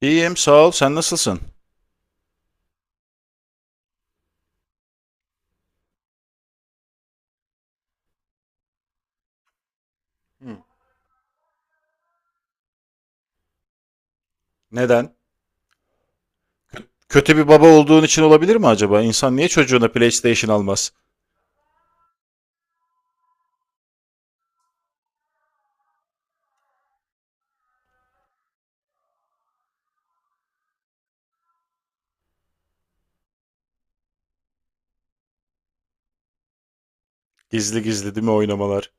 İyiyim sağ ol. Sen nasılsın? Hı. Neden? Kötü bir baba olduğun için olabilir mi acaba? İnsan niye çocuğuna PlayStation almaz? Gizli gizli değil mi oynamalar?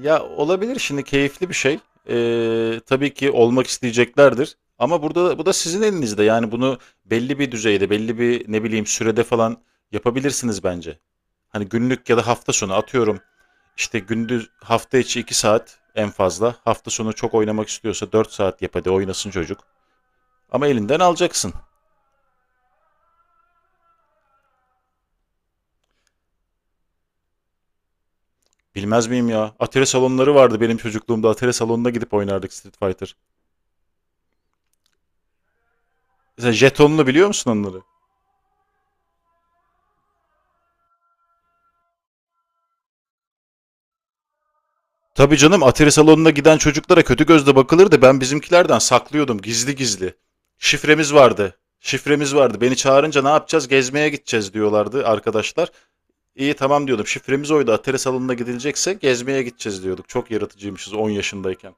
Ya olabilir şimdi keyifli bir şey. Tabii ki olmak isteyeceklerdir. Ama burada bu da sizin elinizde. Yani bunu belli bir düzeyde, belli bir ne bileyim sürede falan yapabilirsiniz bence. Hani günlük ya da hafta sonu atıyorum. İşte gündüz hafta içi 2 saat en fazla. Hafta sonu çok oynamak istiyorsa 4 saat yap hadi oynasın çocuk. Ama elinden alacaksın. Bilmez miyim ya? Atari salonları vardı benim çocukluğumda. Atari salonuna gidip oynardık Street Fighter. Mesela jetonlu biliyor musun onları? Tabii canım Atari salonuna giden çocuklara kötü gözle bakılırdı. Ben bizimkilerden saklıyordum gizli gizli. Şifremiz vardı. Şifremiz vardı. Beni çağırınca ne yapacağız? Gezmeye gideceğiz diyorlardı arkadaşlar. İyi tamam diyordum. Şifremiz oydu. Atari salonuna gidilecekse gezmeye gideceğiz diyorduk. Çok yaratıcıymışız 10 yaşındayken.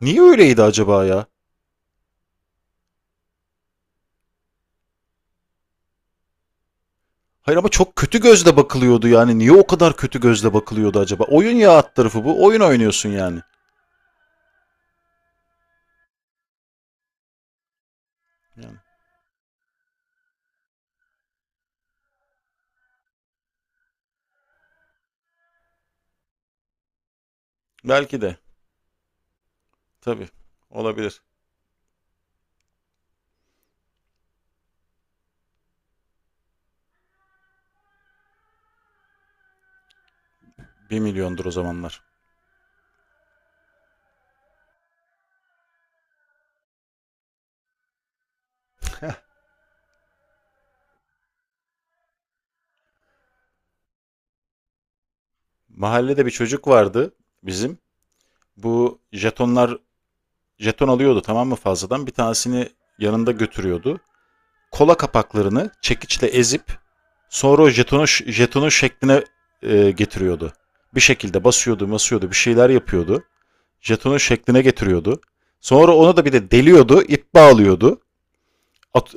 Niye öyleydi acaba ya? Hayır ama çok kötü gözle bakılıyordu yani. Niye o kadar kötü gözle bakılıyordu acaba? Oyun ya alt tarafı bu. Oyun oynuyorsun yani. Belki de. Tabii. Olabilir. Bir milyondur o zamanlar. Mahallede bir çocuk vardı bizim. Bu jetonlar jeton alıyordu tamam mı fazladan. Bir tanesini yanında götürüyordu. Kola kapaklarını çekiçle ezip sonra o jetonu, jetonu şekline getiriyordu. Bir şekilde basıyordu basıyordu bir şeyler yapıyordu. Jetonun şekline getiriyordu. Sonra onu da bir de deliyordu, ip bağlıyordu. At,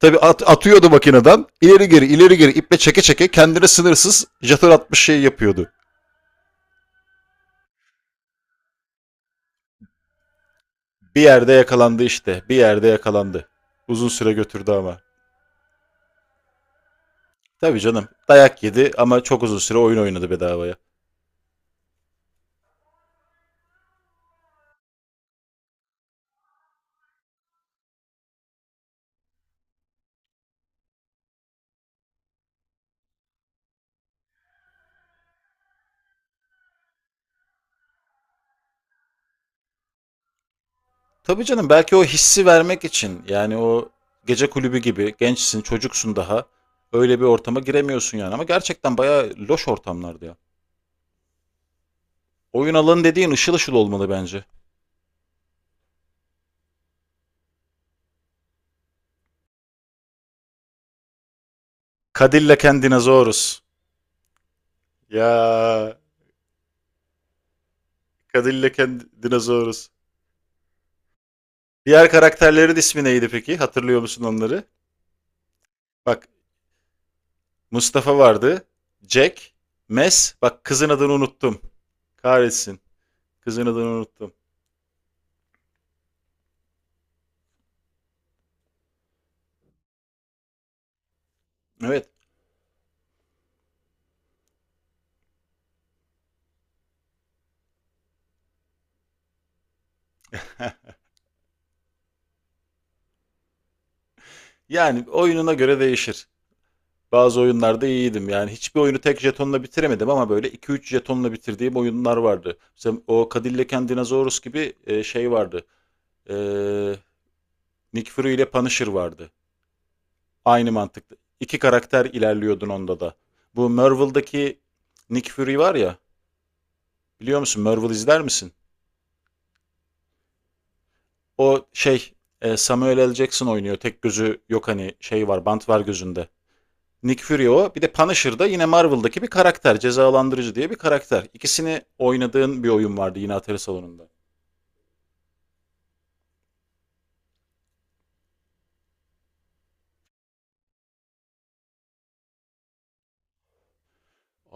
tabii atıyordu makineden. İleri geri, ileri geri iple çeke çeke kendine sınırsız jeton atmış şey yapıyordu. Bir yerde yakalandı işte. Bir yerde yakalandı. Uzun süre götürdü ama. Tabii canım. Dayak yedi ama çok uzun süre oyun oynadı bedavaya. Tabii canım belki o hissi vermek için yani o gece kulübü gibi gençsin, çocuksun daha. Öyle bir ortama giremiyorsun yani ama gerçekten bayağı loş ortamlardı ya. Oyun alanı dediğin ışıl ışıl olmalı bence. Cadillac and Dinosaurus. Ya Cadillac and Dinosaurus. Diğer karakterlerin ismi neydi peki? Hatırlıyor musun onları? Bak Mustafa vardı. Jack. Mes. Bak kızın adını unuttum. Kahretsin. Kızın adını unuttum. Evet. Yani oyununa göre değişir. Bazı oyunlarda iyiydim. Yani hiçbir oyunu tek jetonla bitiremedim ama böyle iki üç jetonla bitirdiğim oyunlar vardı. Mesela o Cadillac and Dinosaurus gibi şey vardı. Eee Nick Fury ile Punisher vardı. Aynı mantıklı. İki karakter ilerliyordun onda da. Bu Marvel'daki Nick Fury var ya. Biliyor musun? Marvel izler misin? O şey Samuel L. Jackson oynuyor. Tek gözü yok hani şey var bant var gözünde. Nick Fury o. Bir de Punisher da yine Marvel'daki bir karakter. Cezalandırıcı diye bir karakter. İkisini oynadığın bir oyun vardı yine atari salonunda.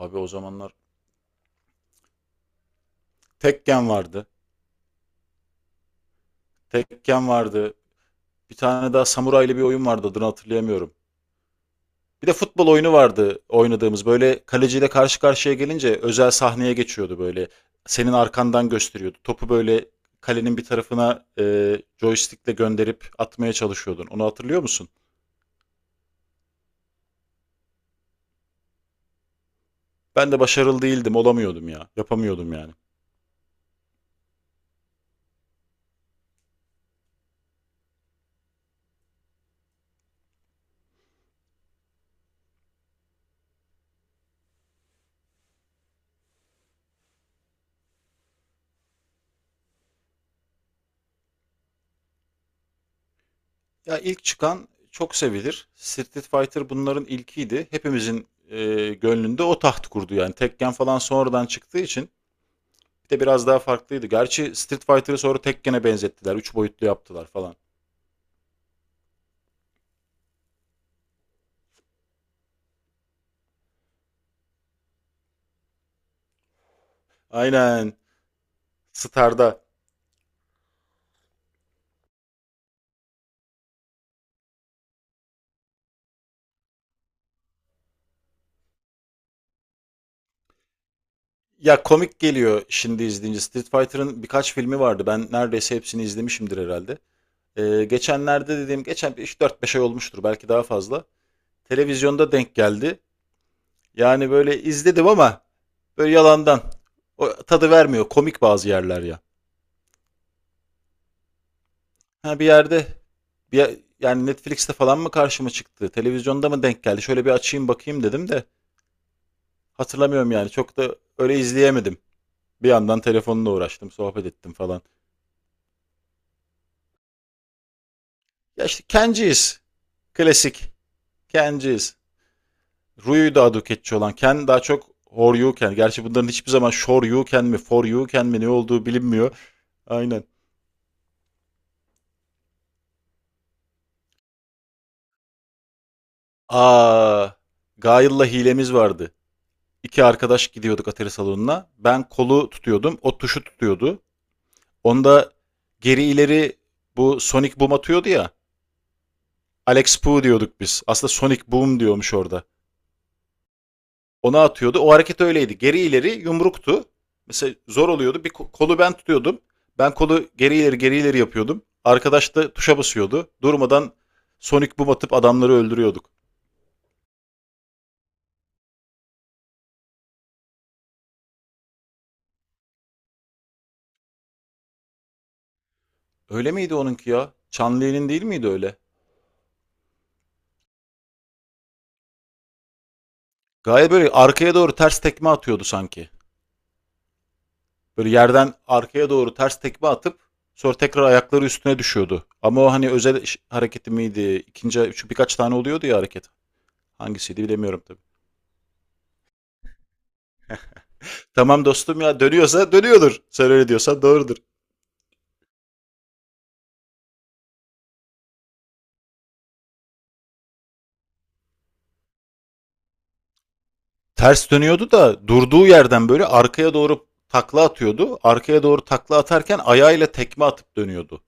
Abi o zamanlar Tekken vardı. Tekken vardı. Bir tane daha samuraylı bir oyun vardı adını hatırlayamıyorum. Bir de futbol oyunu vardı oynadığımız. Böyle kaleciyle karşı karşıya gelince özel sahneye geçiyordu böyle. Senin arkandan gösteriyordu. Topu böyle kalenin bir tarafına joystickle gönderip atmaya çalışıyordun. Onu hatırlıyor musun? Ben de başarılı değildim, olamıyordum ya. Yapamıyordum yani. Ya ilk çıkan çok sevilir. Street Fighter bunların ilkiydi. Hepimizin gönlünde o taht kurdu yani. Tekken falan sonradan çıktığı için bir de biraz daha farklıydı. Gerçi Street Fighter'ı sonra Tekken'e benzettiler. Üç boyutlu yaptılar falan. Aynen. Star'da. Ya komik geliyor şimdi izleyince. Street Fighter'ın birkaç filmi vardı. Ben neredeyse hepsini izlemişimdir herhalde. Geçenlerde dediğim, geçen 3-4-5 ay olmuştur belki daha fazla. Televizyonda denk geldi. Yani böyle izledim ama böyle yalandan. O tadı vermiyor. Komik bazı yerler ya. Ha bir yerde bir, yani Netflix'te falan mı karşıma çıktı? Televizyonda mı denk geldi? Şöyle bir açayım bakayım dedim de hatırlamıyorum yani. Çok da öyle izleyemedim. Bir yandan telefonla uğraştım, sohbet ettim falan. Ya işte Kenji'yiz. Klasik. Kenji'yiz. Ruyu daha döketçi olan. Ken daha çok Horyuken. Gerçi bunların hiçbir zaman Shoryuken mi Foryuken mi ne olduğu bilinmiyor. Aynen. Aa, Gail'la hilemiz vardı. İki arkadaş gidiyorduk atari salonuna. Ben kolu tutuyordum. O tuşu tutuyordu. Onda geri ileri bu Sonic Boom atıyordu ya. Alex Poo diyorduk biz. Aslında Sonic Boom diyormuş orada. Ona atıyordu. O hareket öyleydi. Geri ileri yumruktu. Mesela zor oluyordu. Bir kolu ben tutuyordum. Ben kolu geri ileri geri ileri yapıyordum. Arkadaş da tuşa basıyordu. Durmadan Sonic Boom atıp adamları öldürüyorduk. Öyle miydi onunki ya? Çanlı'nın değil miydi öyle? Gayet böyle arkaya doğru ters tekme atıyordu sanki. Böyle yerden arkaya doğru ters tekme atıp sonra tekrar ayakları üstüne düşüyordu. Ama o hani özel hareketi miydi? İkinci, şu birkaç tane oluyordu ya hareket. Hangisiydi bilemiyorum tabii. Tamam dostum ya dönüyorsa dönüyordur. Sen öyle diyorsan doğrudur. Ters dönüyordu da durduğu yerden böyle arkaya doğru takla atıyordu. Arkaya doğru takla atarken ayağıyla tekme atıp dönüyordu.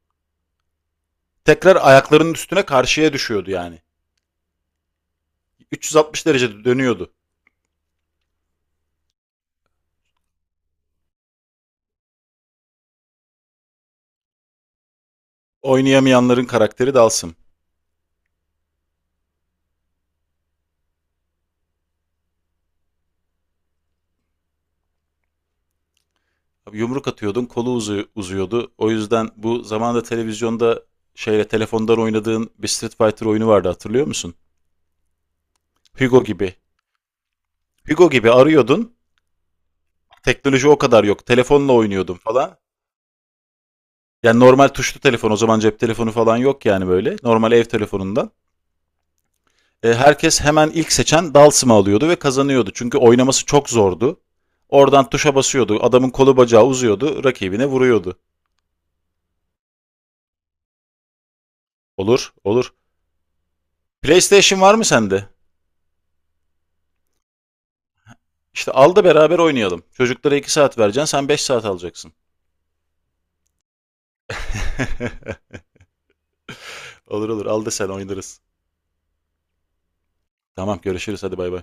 Tekrar ayaklarının üstüne karşıya düşüyordu yani. 360 derecede dönüyordu. Oynayamayanların karakteri dalsın. Yumruk atıyordun kolu uzuyordu. O yüzden bu zamanda televizyonda şeyle telefondan oynadığın bir Street Fighter oyunu vardı hatırlıyor musun? Hugo gibi. Hugo gibi arıyordun. Teknoloji o kadar yok. Telefonla oynuyordum falan. Yani normal tuşlu telefon o zaman cep telefonu falan yok yani böyle. Normal ev telefonundan. E, herkes hemen ilk seçen Dalsim'i alıyordu ve kazanıyordu. Çünkü oynaması çok zordu. Oradan tuşa basıyordu. Adamın kolu bacağı uzuyordu. Rakibine vuruyordu. Olur, olur. PlayStation var mı sende? İşte al da beraber oynayalım. Çocuklara 2 saat vereceksin, sen 5 saat alacaksın. olur olur, al da sen oynarız. Tamam, görüşürüz. Hadi bay bay.